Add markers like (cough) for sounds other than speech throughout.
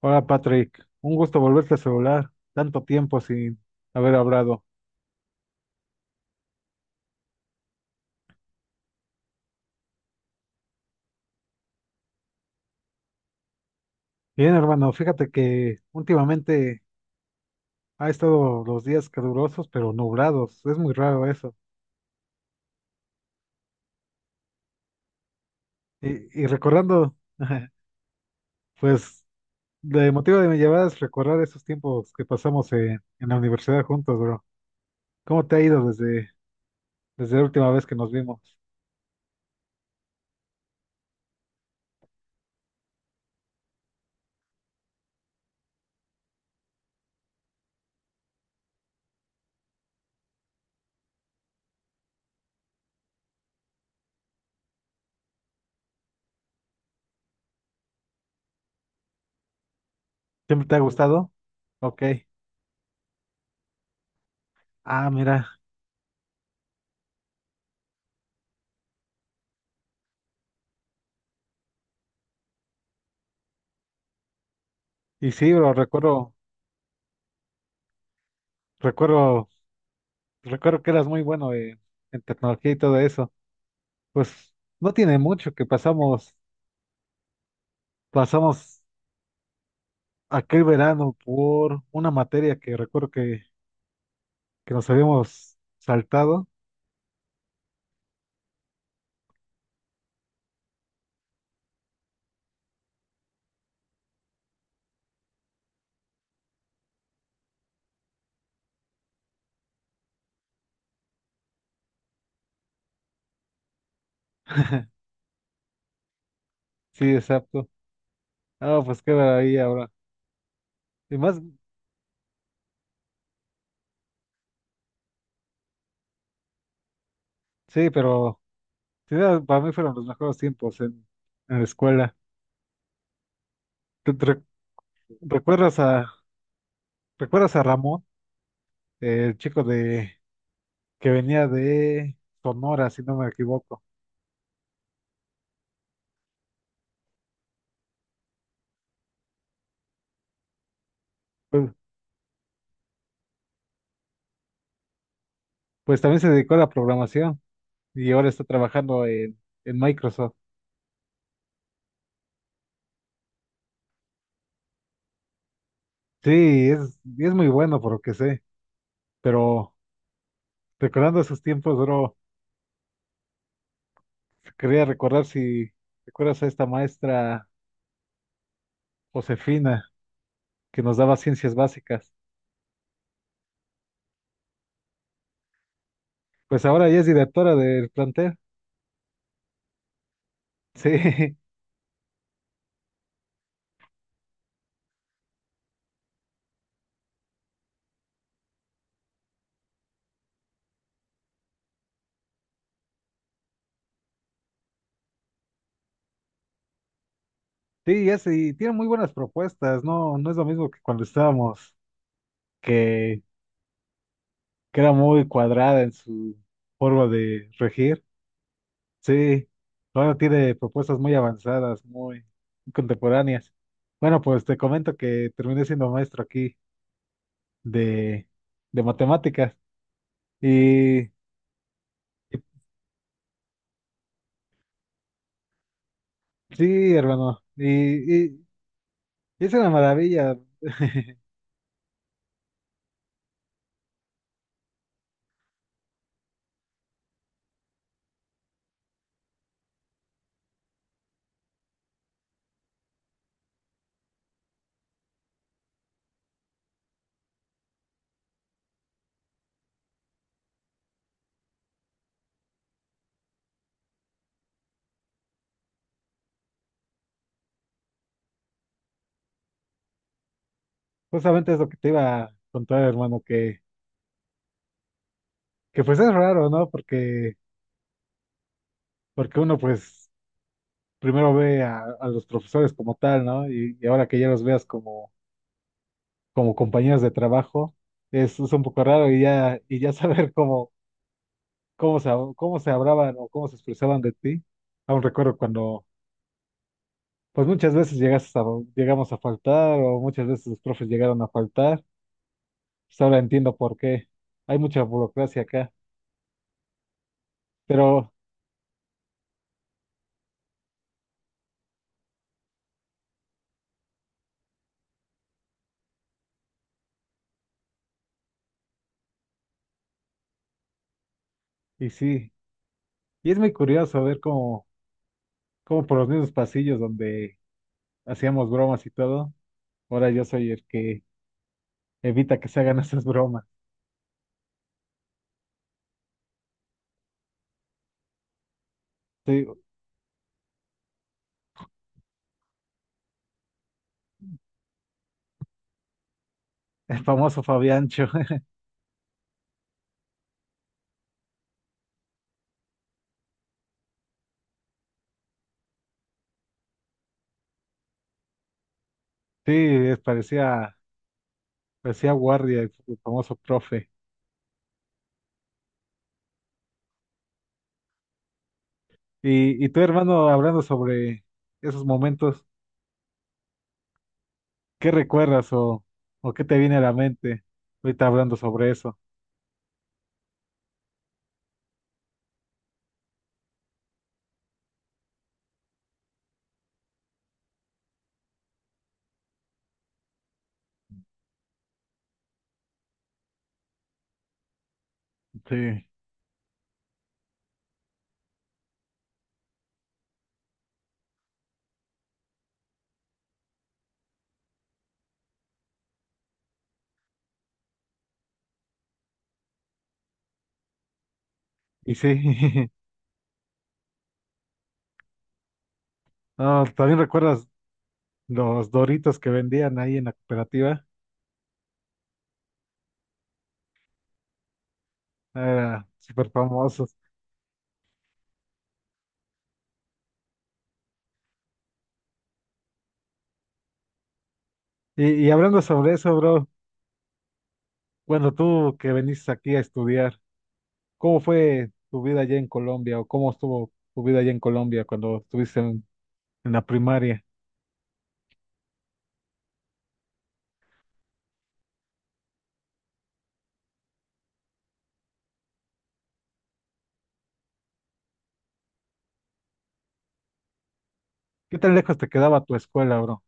Hola Patrick, un gusto volverte a celular, tanto tiempo sin haber hablado. Bien, hermano, fíjate que últimamente ha estado los días calurosos pero nublados, es muy raro eso. Y recordando, (laughs) pues, el motivo de mi llamada es recordar esos tiempos que pasamos en la universidad juntos, bro. ¿Cómo te ha ido desde la última vez que nos vimos? ¿Siempre te ha gustado? Ok. Ah, mira. Y sí, bro, recuerdo, recuerdo que eras muy bueno en tecnología y todo eso. Pues no tiene mucho que pasamos aquel verano por una materia que que nos habíamos saltado. (laughs) Sí, exacto. Ah, pues qué ahí ahora. Y más, sí, pero sí, para mí fueron los mejores tiempos en la escuela. ¿Tú recuerdas a, recuerdas a Ramón, el chico de que venía de Sonora, si no me equivoco? Pues, pues también se dedicó a la programación y ahora está trabajando en Microsoft. Sí, es muy bueno por lo que sé, pero recordando esos tiempos, bro, quería recordar si recuerdas a esta maestra Josefina que nos daba ciencias básicas. Pues ahora ella es directora del plantel. Sí, (laughs) sí, ya sí tiene muy buenas propuestas, no, no es lo mismo que cuando estábamos, que, que era muy cuadrada en su forma de regir. Sí, ahora tiene propuestas muy avanzadas, muy contemporáneas. Bueno, pues te comento que terminé siendo maestro aquí de, de matemáticas. Y sí, hermano, y, y es una maravilla. (laughs) Justamente es lo que te iba a contar, hermano, que pues es raro, ¿no? Porque uno pues primero a los profesores como tal, ¿no? Y ahora que ya los veas como, como compañeros de trabajo, es un poco raro y ya (laughs) saber cómo se, cómo se hablaban o cómo se expresaban de ti. Aún recuerdo cuando pues muchas veces llegamos a faltar o muchas veces los profes llegaron a faltar. Pues ahora entiendo por qué. Hay mucha burocracia acá, pero, y sí, y es muy curioso ver cómo por los mismos pasillos donde hacíamos bromas y todo, ahora yo soy el que evita que se hagan (laughs) esas bromas. Sí, el famoso Fabiancho. (laughs) Sí, parecía guardia, el famoso profe. Y tu hermano hablando sobre esos momentos. ¿Qué recuerdas o qué te viene a la mente ahorita hablando sobre eso? Sí, y sí, (laughs) no, ¿también recuerdas los Doritos que vendían ahí en la cooperativa? Eran súper famosos. Y hablando sobre eso, bro, bueno, tú que veniste aquí a estudiar, ¿cómo fue tu vida allá en Colombia o cómo estuvo tu vida allá en Colombia cuando estuviste en la primaria? ¿Qué tan lejos te quedaba tu escuela, bro?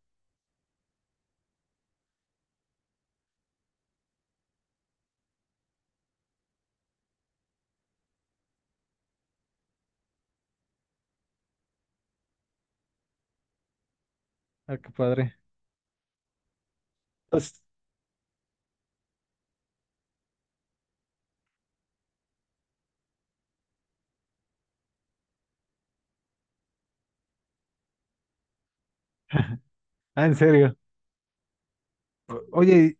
Ah, qué padre. Pues, ah, en serio. O- Oye,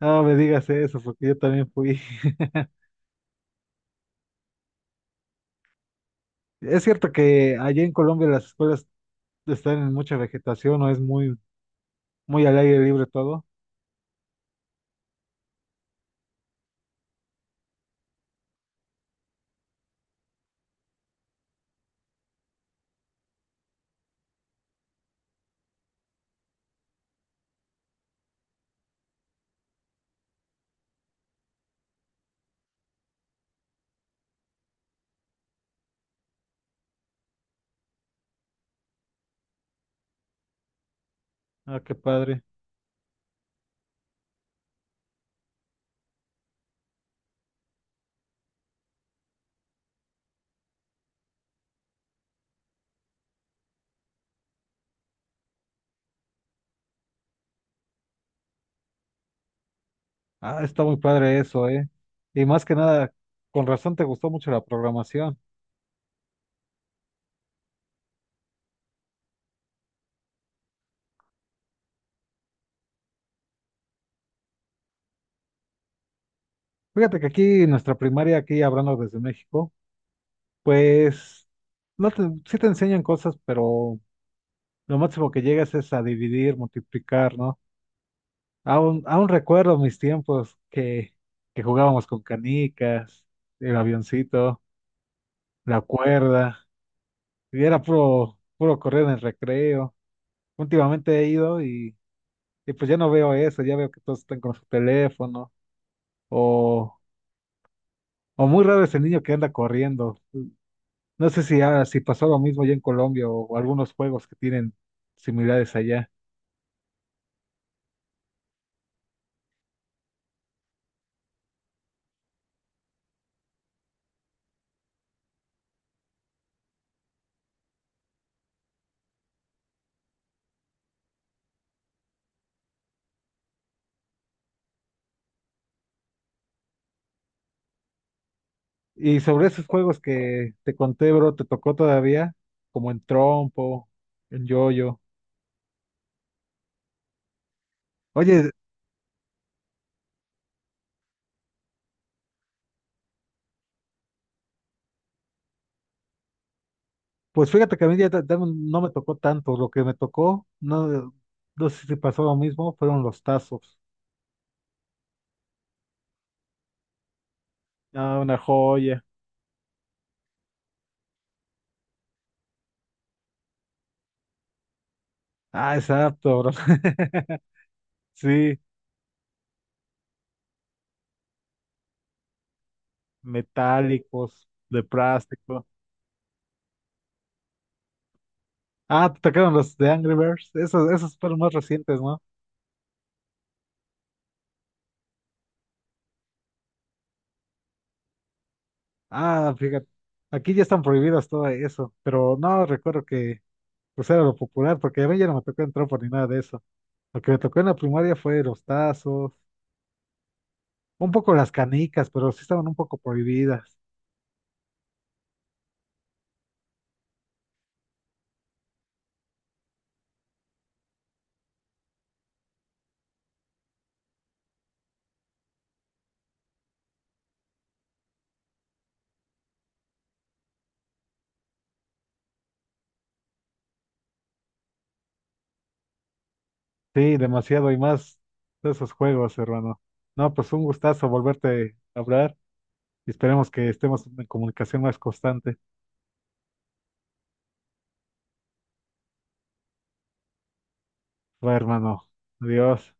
no me digas eso porque yo también fui. Es cierto que allá en Colombia las escuelas están en mucha vegetación o es muy, muy al aire libre todo. Ah, qué padre. Ah, está muy padre eso, ¿eh? Y más que nada, con razón te gustó mucho la programación. Fíjate que aquí en nuestra primaria, aquí hablando desde México, pues no te, sí te enseñan cosas, pero lo máximo que llegas es a dividir, multiplicar, ¿no? Aún recuerdo mis tiempos que jugábamos con canicas, el avioncito, la cuerda. Y era puro, puro correr en el recreo. Últimamente y pues ya no veo eso, ya veo que todos están con su teléfono. O, o muy raro es el niño que anda corriendo. No sé si, ah, si pasó lo mismo ya en Colombia o algunos juegos que tienen similares allá. Y sobre esos juegos que te conté, bro, ¿te tocó todavía? Como en trompo, en yoyo. Oye, pues fíjate que a mí ya no me tocó tanto. Lo que me tocó, no, no sé si pasó lo mismo, fueron los tazos. No, una joya. Ah, exacto, bro. (laughs) Sí, metálicos, de plástico. Ah, te tocaron los de Angry Birds. Esos, esos fueron más recientes, ¿no? Ah, fíjate. Aquí ya están prohibidas todo eso. Pero no recuerdo que pues era lo popular, porque a mí ya no me tocó entrar por ni nada de eso. Lo que me tocó en la primaria fue los tazos, un poco las canicas, pero sí estaban un poco prohibidas. Sí, demasiado y más de esos juegos, hermano. No, pues un gustazo volverte a hablar. Y esperemos que estemos en comunicación más constante. Va, hermano. Adiós.